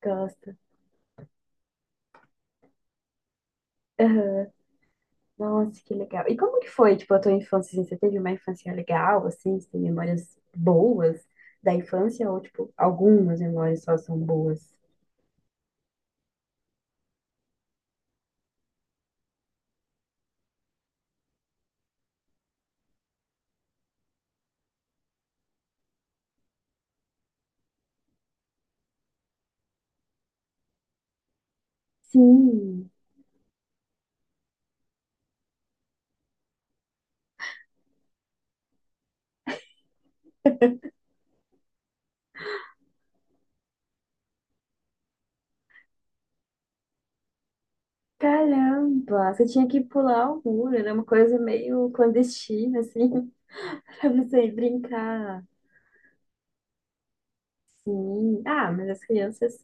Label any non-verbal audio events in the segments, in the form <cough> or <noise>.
Gosto. Aham. Nossa, que legal. E como que foi, tipo, a tua infância, assim? Você teve uma infância legal, assim? Você tem memórias boas da infância? Ou, tipo, algumas memórias só são boas? Sim. <laughs> Caramba, você tinha que pular o muro. Era uma coisa meio clandestina, assim, <laughs> pra você brincar. Sim. Ah, mas as crianças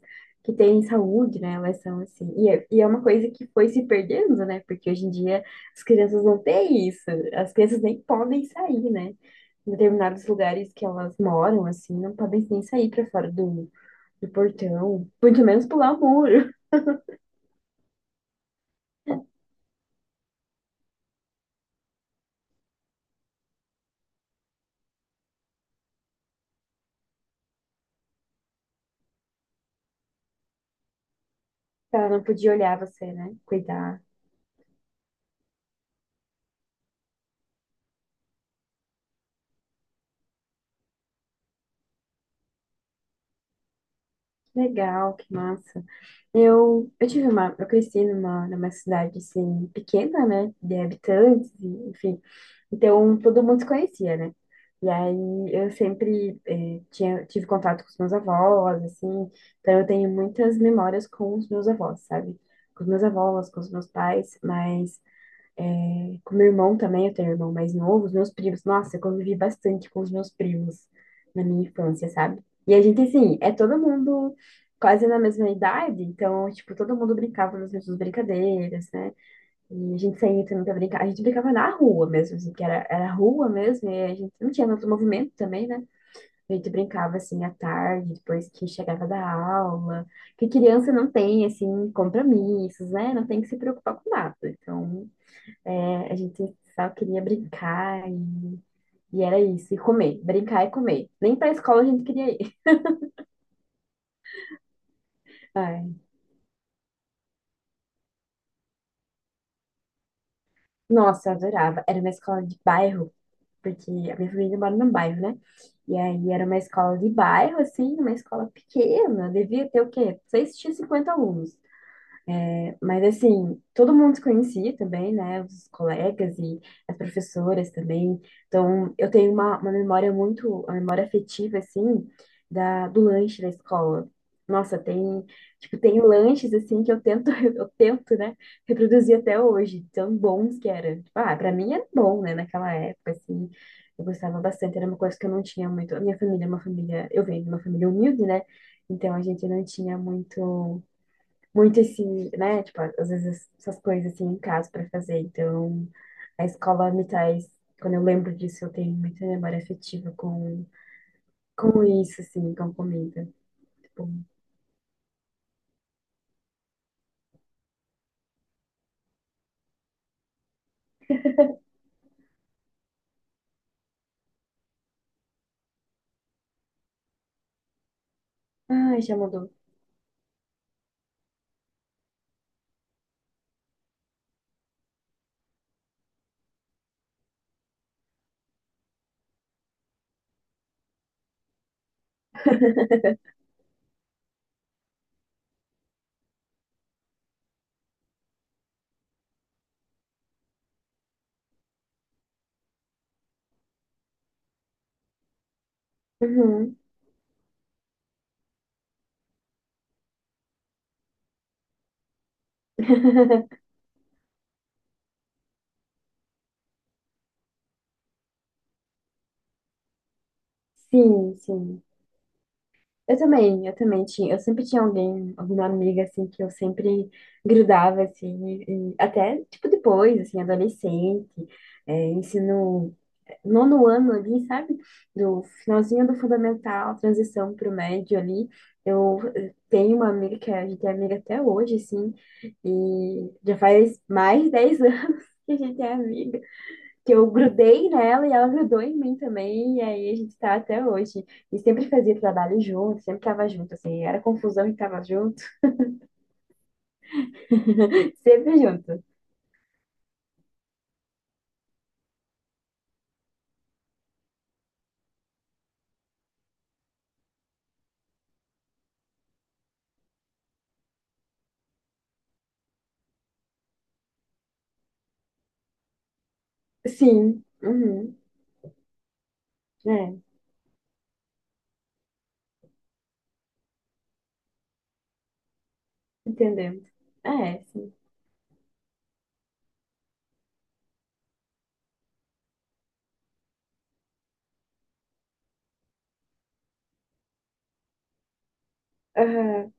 que têm saúde, né, elas são assim. E é uma coisa que foi se perdendo, né? Porque hoje em dia as crianças não têm isso. As crianças nem podem sair, né? Em determinados lugares que elas moram, assim, não podem nem sair para fora do, portão. Muito menos pular o muro. <laughs> Ela não podia olhar você, né? Cuidar. Legal, que massa. Eu cresci numa cidade assim pequena, né, de habitantes, e, enfim. Então todo mundo se conhecia, né? E aí eu sempre tive contato com os meus avós, assim. Então eu tenho muitas memórias com os meus avós, sabe? Com os meus avós, com os meus pais, mas é, com meu irmão também, eu tenho um irmão mais novo, os meus primos. Nossa, eu convivi bastante com os meus primos na minha infância, sabe? E a gente, assim, é todo mundo quase na mesma idade, então, tipo, todo mundo brincava nas mesmas brincadeiras, né? E a gente saía também pra brincar. A gente brincava na rua mesmo, assim, que era, era rua mesmo, e a gente não tinha tanto movimento também, né? A gente brincava, assim, à tarde, depois que chegava da aula. Que criança não tem, assim, compromissos, né? Não tem que se preocupar com nada. Então, é, a gente só queria brincar e era isso, e comer, brincar e comer. Nem pra escola a gente queria ir. <laughs> Ai, nossa, eu adorava. Era uma escola de bairro, porque a minha família mora num bairro, né? E aí era uma escola de bairro, assim, uma escola pequena, devia ter o quê? 6 Tinha 50 alunos. Mas assim, todo mundo se conhecia também, né? Os colegas e as professoras também. Então, eu tenho uma memória muito, uma memória afetiva, assim, da, do lanche da escola. Nossa, tem, tipo, tem lanches, assim, que eu tento, <laughs> eu tento, né, reproduzir até hoje, tão bons que era. Tipo, ah, pra mim era bom, né, naquela época, assim, eu gostava bastante, era uma coisa que eu não tinha muito. A minha família é uma família, eu venho de uma família humilde, né? Então, a gente não tinha muito esse, né? Tipo, às vezes essas coisas assim em casa para fazer. Então, a escola me traz, quando eu lembro disso, eu tenho muita memória afetiva com isso, assim, com comida. Tipo, ai, já mudou. Uhum. <laughs> Sim, sim. Eu sempre tinha alguém, alguma amiga assim que eu sempre grudava assim, e até tipo depois, assim, adolescente, é, ensino nono ano ali, sabe? Do finalzinho do fundamental, transição para o médio ali. Eu tenho uma amiga que é, a gente é amiga até hoje, assim, e já faz mais de 10 <laughs> anos que a gente é amiga, que eu grudei nela e ela grudou em mim também, e aí a gente tá até hoje. E sempre fazia trabalho junto, sempre tava junto, assim, era confusão e tava junto, <laughs> sempre junto. Sim, uhum, é, entendemos. É, sim. Aham.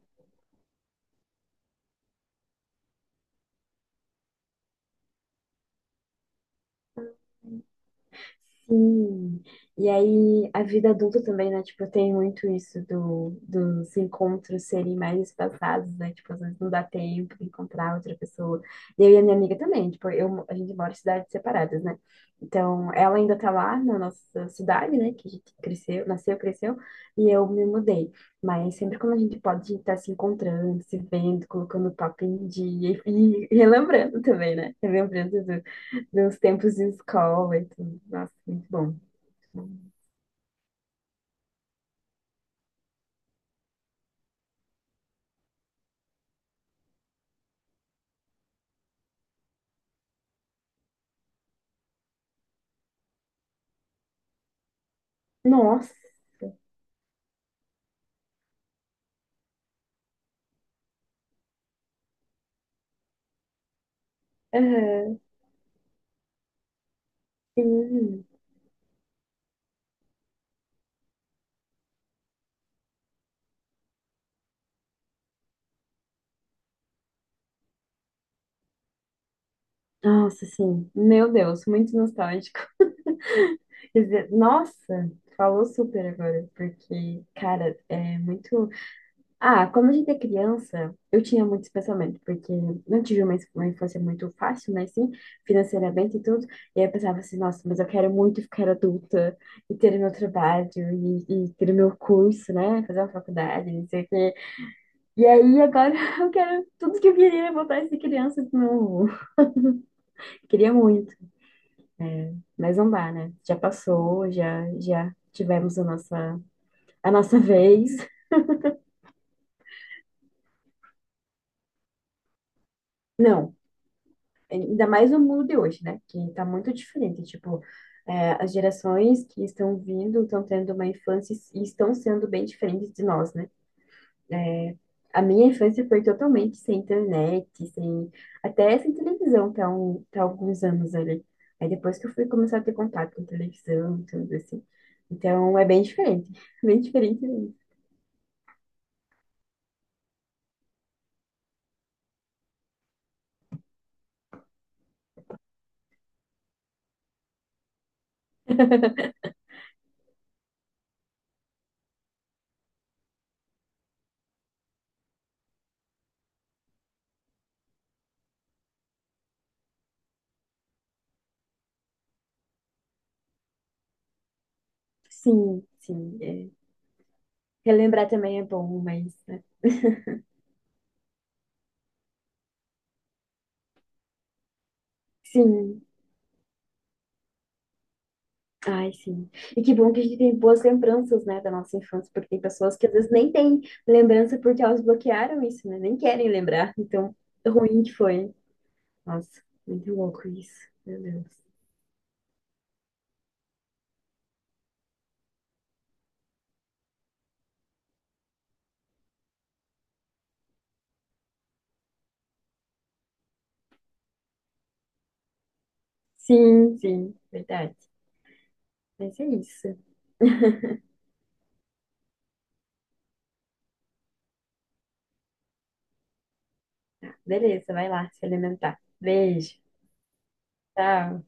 Sim. E aí, a vida adulta também, né? Tipo, tem muito isso do, dos encontros serem mais espaçados, né? Tipo, às vezes não dá tempo de encontrar outra pessoa. E eu e a minha amiga também, tipo, eu, a gente mora em cidades separadas, né? Então, ela ainda tá lá na nossa cidade, né? Que a gente cresceu, nasceu, cresceu, e eu me mudei. Mas sempre quando a gente pode estar se encontrando, se vendo, colocando o papo em dia e relembrando também, né? Relembrando meus tempos de escola e tudo. Nossa, muito bom. Muito bom. Nossa, aham, sim. Nossa, sim. Meu Deus, muito nostálgico. <laughs> Quer dizer, nossa, falou super agora, porque, cara, é muito. Ah, quando a gente é criança, eu tinha muito esse pensamento, porque não tive uma infância muito fácil, mas sim, financeiramente e tudo. E aí eu pensava assim, nossa, mas eu quero muito ficar adulta e ter o meu trabalho e ter o meu curso, né? Fazer uma faculdade, não sei o quê. E aí, agora <laughs> eu quero tudo que eu queria era voltar a ser criança de novo. <laughs> Queria muito, mas não dá, né? Já passou, já tivemos a nossa vez. Não, ainda mais no mundo de hoje, né? Que tá muito diferente, tipo, é, as gerações que estão vindo estão tendo uma infância e estão sendo bem diferentes de nós, né? A minha infância foi totalmente sem internet, sem até sem televisão, até, até alguns anos ali. Aí depois que eu fui começar a ter contato com televisão, tudo assim. Então é bem diferente, <laughs> bem diferente mesmo. Sim, sim. É. Relembrar também é bom, mas né? Sim, ai sim. E que bom que a gente tem boas lembranças, né, da nossa infância, porque tem pessoas que às vezes nem têm lembrança porque elas bloquearam isso, né? Nem querem lembrar. Então, ruim que foi. Nossa, muito louco isso. Meu Deus. Sim, sim, verdade. Mas é isso. Beleza, vai lá se alimentar. Beijo, tchau.